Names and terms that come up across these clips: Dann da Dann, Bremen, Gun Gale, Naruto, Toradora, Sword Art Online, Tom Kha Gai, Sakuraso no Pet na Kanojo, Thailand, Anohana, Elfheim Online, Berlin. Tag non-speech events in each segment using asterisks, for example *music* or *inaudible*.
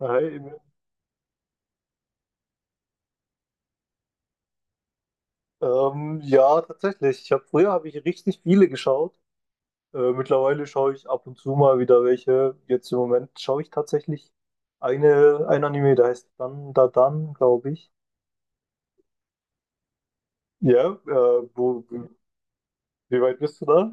Hi, Emil. Ja, tatsächlich. Ich habe früher habe ich richtig viele geschaut. Mittlerweile schaue ich ab und zu mal wieder welche. Jetzt im Moment schaue ich tatsächlich ein Anime, der heißt Dann da Dann, glaube ich. Ja, wie weit bist du da?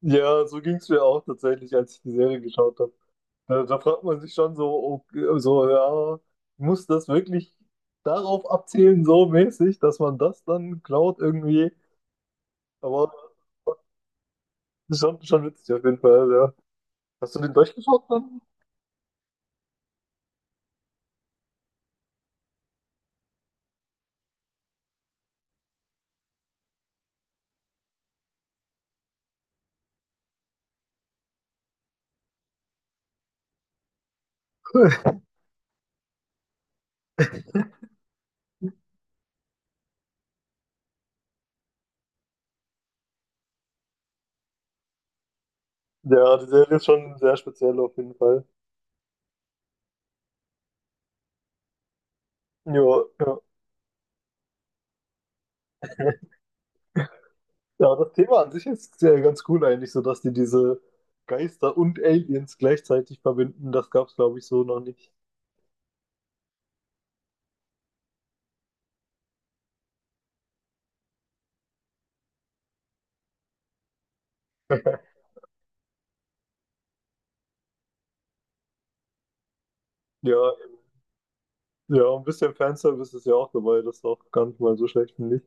Ja, so ging es mir auch tatsächlich, als ich die Serie geschaut habe. Da fragt man sich schon so, okay, so, ja, muss das wirklich darauf abzielen, so mäßig, dass man das dann klaut irgendwie? Aber schon witzig auf jeden Fall, ja. Hast du den durchgeschaut dann? *laughs* Ja, die Serie ist schon sehr speziell auf jeden Fall. Ja, ja. Ja, das Thema an sich ist sehr ganz cool eigentlich, so dass die diese Geister und Aliens gleichzeitig verbinden. Das gab's, glaube ich, so noch nicht. Ja, ja, ein bisschen Fanservice ist ja auch dabei, das ist auch gar nicht mal so schlecht, finde ich.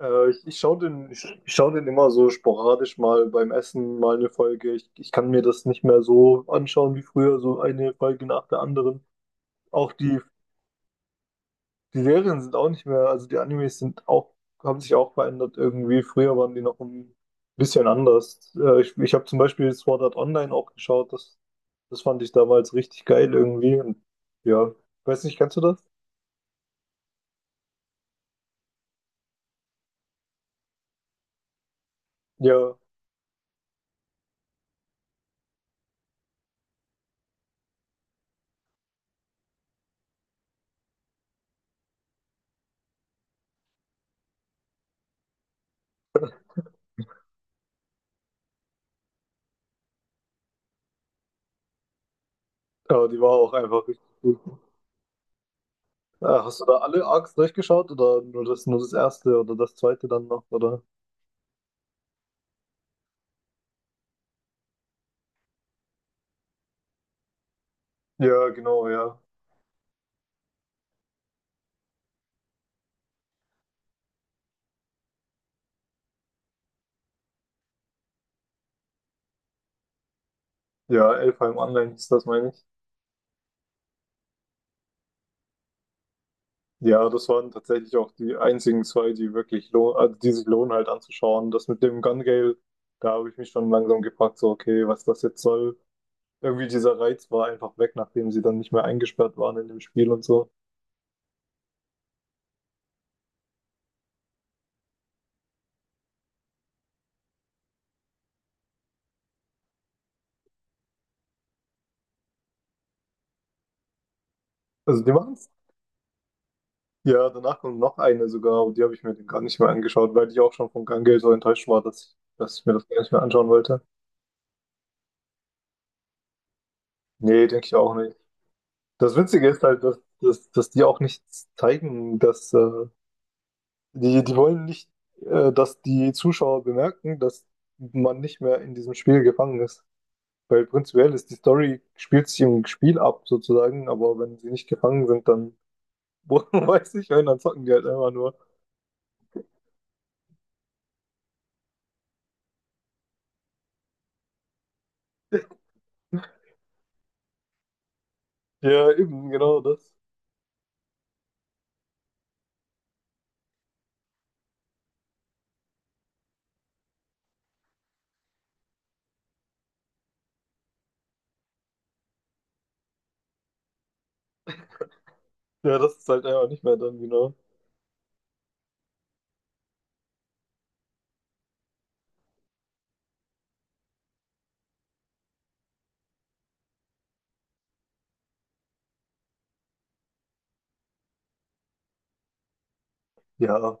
Ich schaue den, ich schau den immer so sporadisch mal beim Essen mal eine Folge. Ich kann mir das nicht mehr so anschauen wie früher, so eine Folge nach der anderen. Auch die. Die Serien sind auch nicht mehr, also die Animes sind auch, haben sich auch verändert irgendwie. Früher waren die noch ein bisschen anders. Ich habe zum Beispiel Sword Art Online auch geschaut. Das fand ich damals richtig geil irgendwie. Und ja, weiß nicht, kennst du das? Ja, ja, die war auch einfach richtig gut. Hast du da alle Arcs durchgeschaut oder nur das erste oder das zweite dann noch, oder? Ja, genau, ja. Ja, Elfheim Online ist das, meine ich. Ja, das waren tatsächlich auch die einzigen zwei, die wirklich also die sich lohnen halt anzuschauen. Das mit dem Gun Gale, da habe ich mich schon langsam gefragt, so okay, was das jetzt soll. Irgendwie dieser Reiz war einfach weg, nachdem sie dann nicht mehr eingesperrt waren in dem Spiel und so. Also die machen's. Ja, danach kommt noch eine sogar, und die habe ich mir gar nicht mehr angeschaut, weil ich auch schon von Gun Gale so enttäuscht war, dass ich mir das gar nicht mehr anschauen wollte. Nee, denke ich auch nicht. Das Witzige ist halt, dass die auch nicht zeigen, dass die, die wollen nicht, dass die Zuschauer bemerken, dass man nicht mehr in diesem Spiel gefangen ist. Weil prinzipiell ist die Story, spielt sich im Spiel ab sozusagen, aber wenn sie nicht gefangen sind, dann *laughs* weiß ich, wenn, dann zocken die halt einfach nur. Ja, eben, genau das. Ja, das ist halt einfach nicht mehr dann, genau. Ja,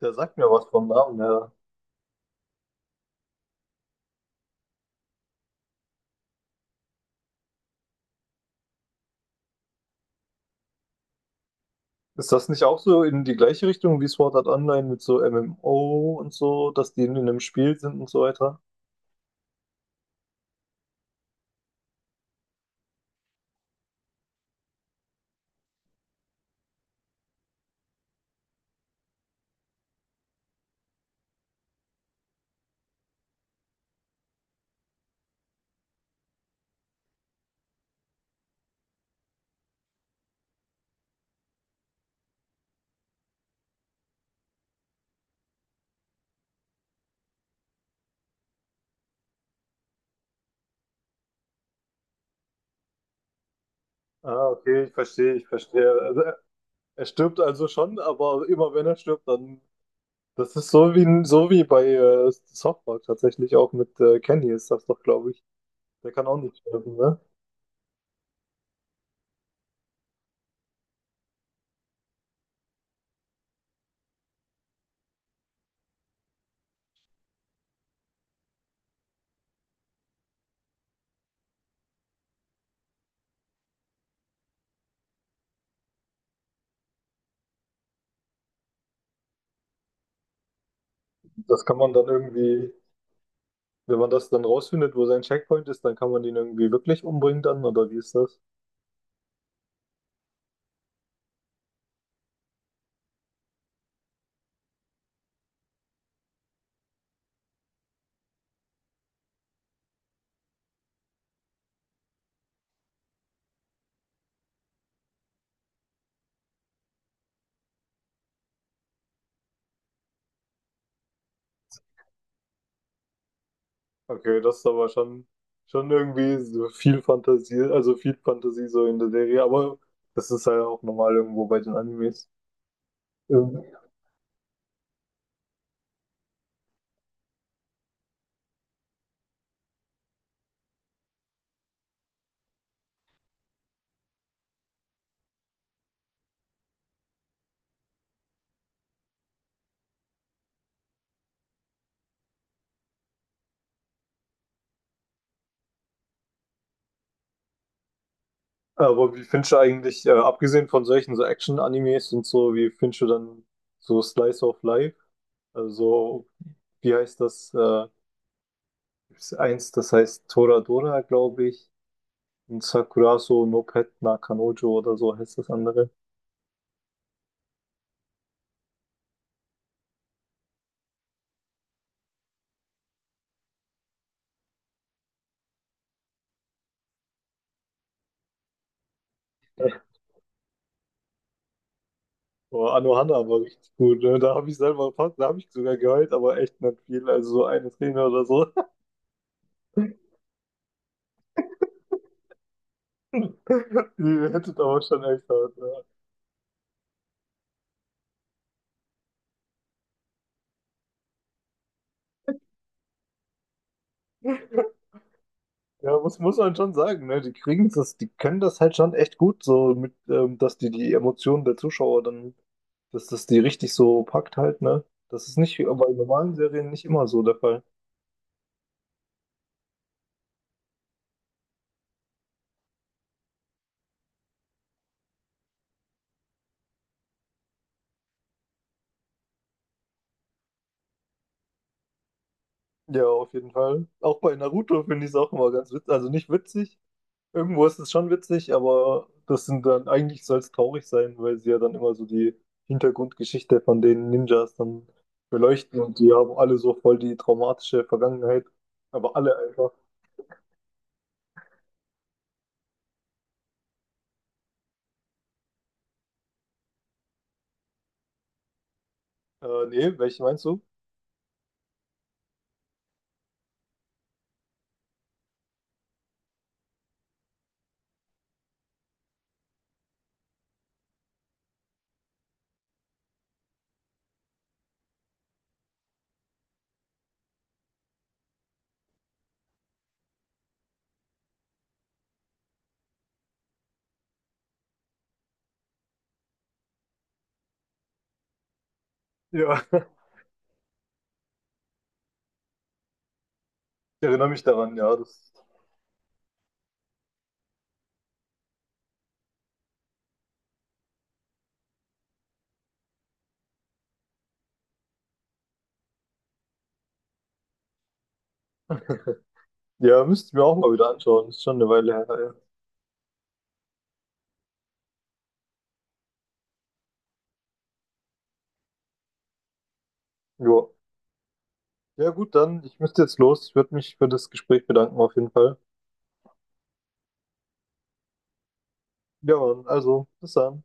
der sagt mir was vom Namen her. Ist das nicht auch so in die gleiche Richtung wie Sword Art Online mit so MMO und so, dass die in einem Spiel sind und so weiter? Ah, okay, ich verstehe, ich verstehe. Also, er stirbt also schon, aber immer wenn er stirbt, dann. Das ist so wie bei Softball tatsächlich auch mit Kenny ist das doch, glaube ich. Der kann auch nicht sterben, ne? Das kann man dann irgendwie, wenn man das dann rausfindet, wo sein Checkpoint ist, dann kann man den irgendwie wirklich umbringen dann, oder wie ist das? Okay, das ist aber schon irgendwie so viel Fantasie, also viel Fantasie so in der Serie, aber das ist halt auch normal irgendwo bei den Animes. Ähm, Aber wie findest du eigentlich, abgesehen von solchen so Action-Animes und so, wie findest du dann so Slice of Life? Also, so, wie heißt das? Gibt's eins, das heißt Toradora, glaube ich. Und Sakuraso no Pet na Kanojo oder so heißt das andere. Oh, Anohana war richtig gut. Ne? Da habe ich selber fast, da habe ich sogar geheult, aber echt nicht viel. Also so eine Träne oder so. *laughs* Die hättet aber schon echt hart. Ne? Ja, muss man schon sagen, ne? Die kriegen das, die können das halt schon echt gut, so mit, dass die die Emotionen der Zuschauer dann, dass das die richtig so packt halt, ne? Das ist nicht bei normalen Serien nicht immer so der Fall. Ja, auf jeden Fall. Auch bei Naruto finde ich es auch immer ganz witzig. Also nicht witzig. Irgendwo ist es schon witzig, aber das sind dann, eigentlich soll es traurig sein, weil sie ja dann immer so die Hintergrundgeschichte von den Ninjas dann beleuchten und die haben alle so voll die traumatische Vergangenheit. Aber alle einfach. Nee, welche meinst du? Ja. *laughs* Ich erinnere mich daran, ja. Das, ja, müsste ich mir auch mal wieder anschauen. Ist schon eine Weile her, ja. Jo. Ja, gut, dann, ich müsste jetzt los. Ich würde mich für das Gespräch bedanken, auf jeden Fall. Ja, Mann, also, bis dann.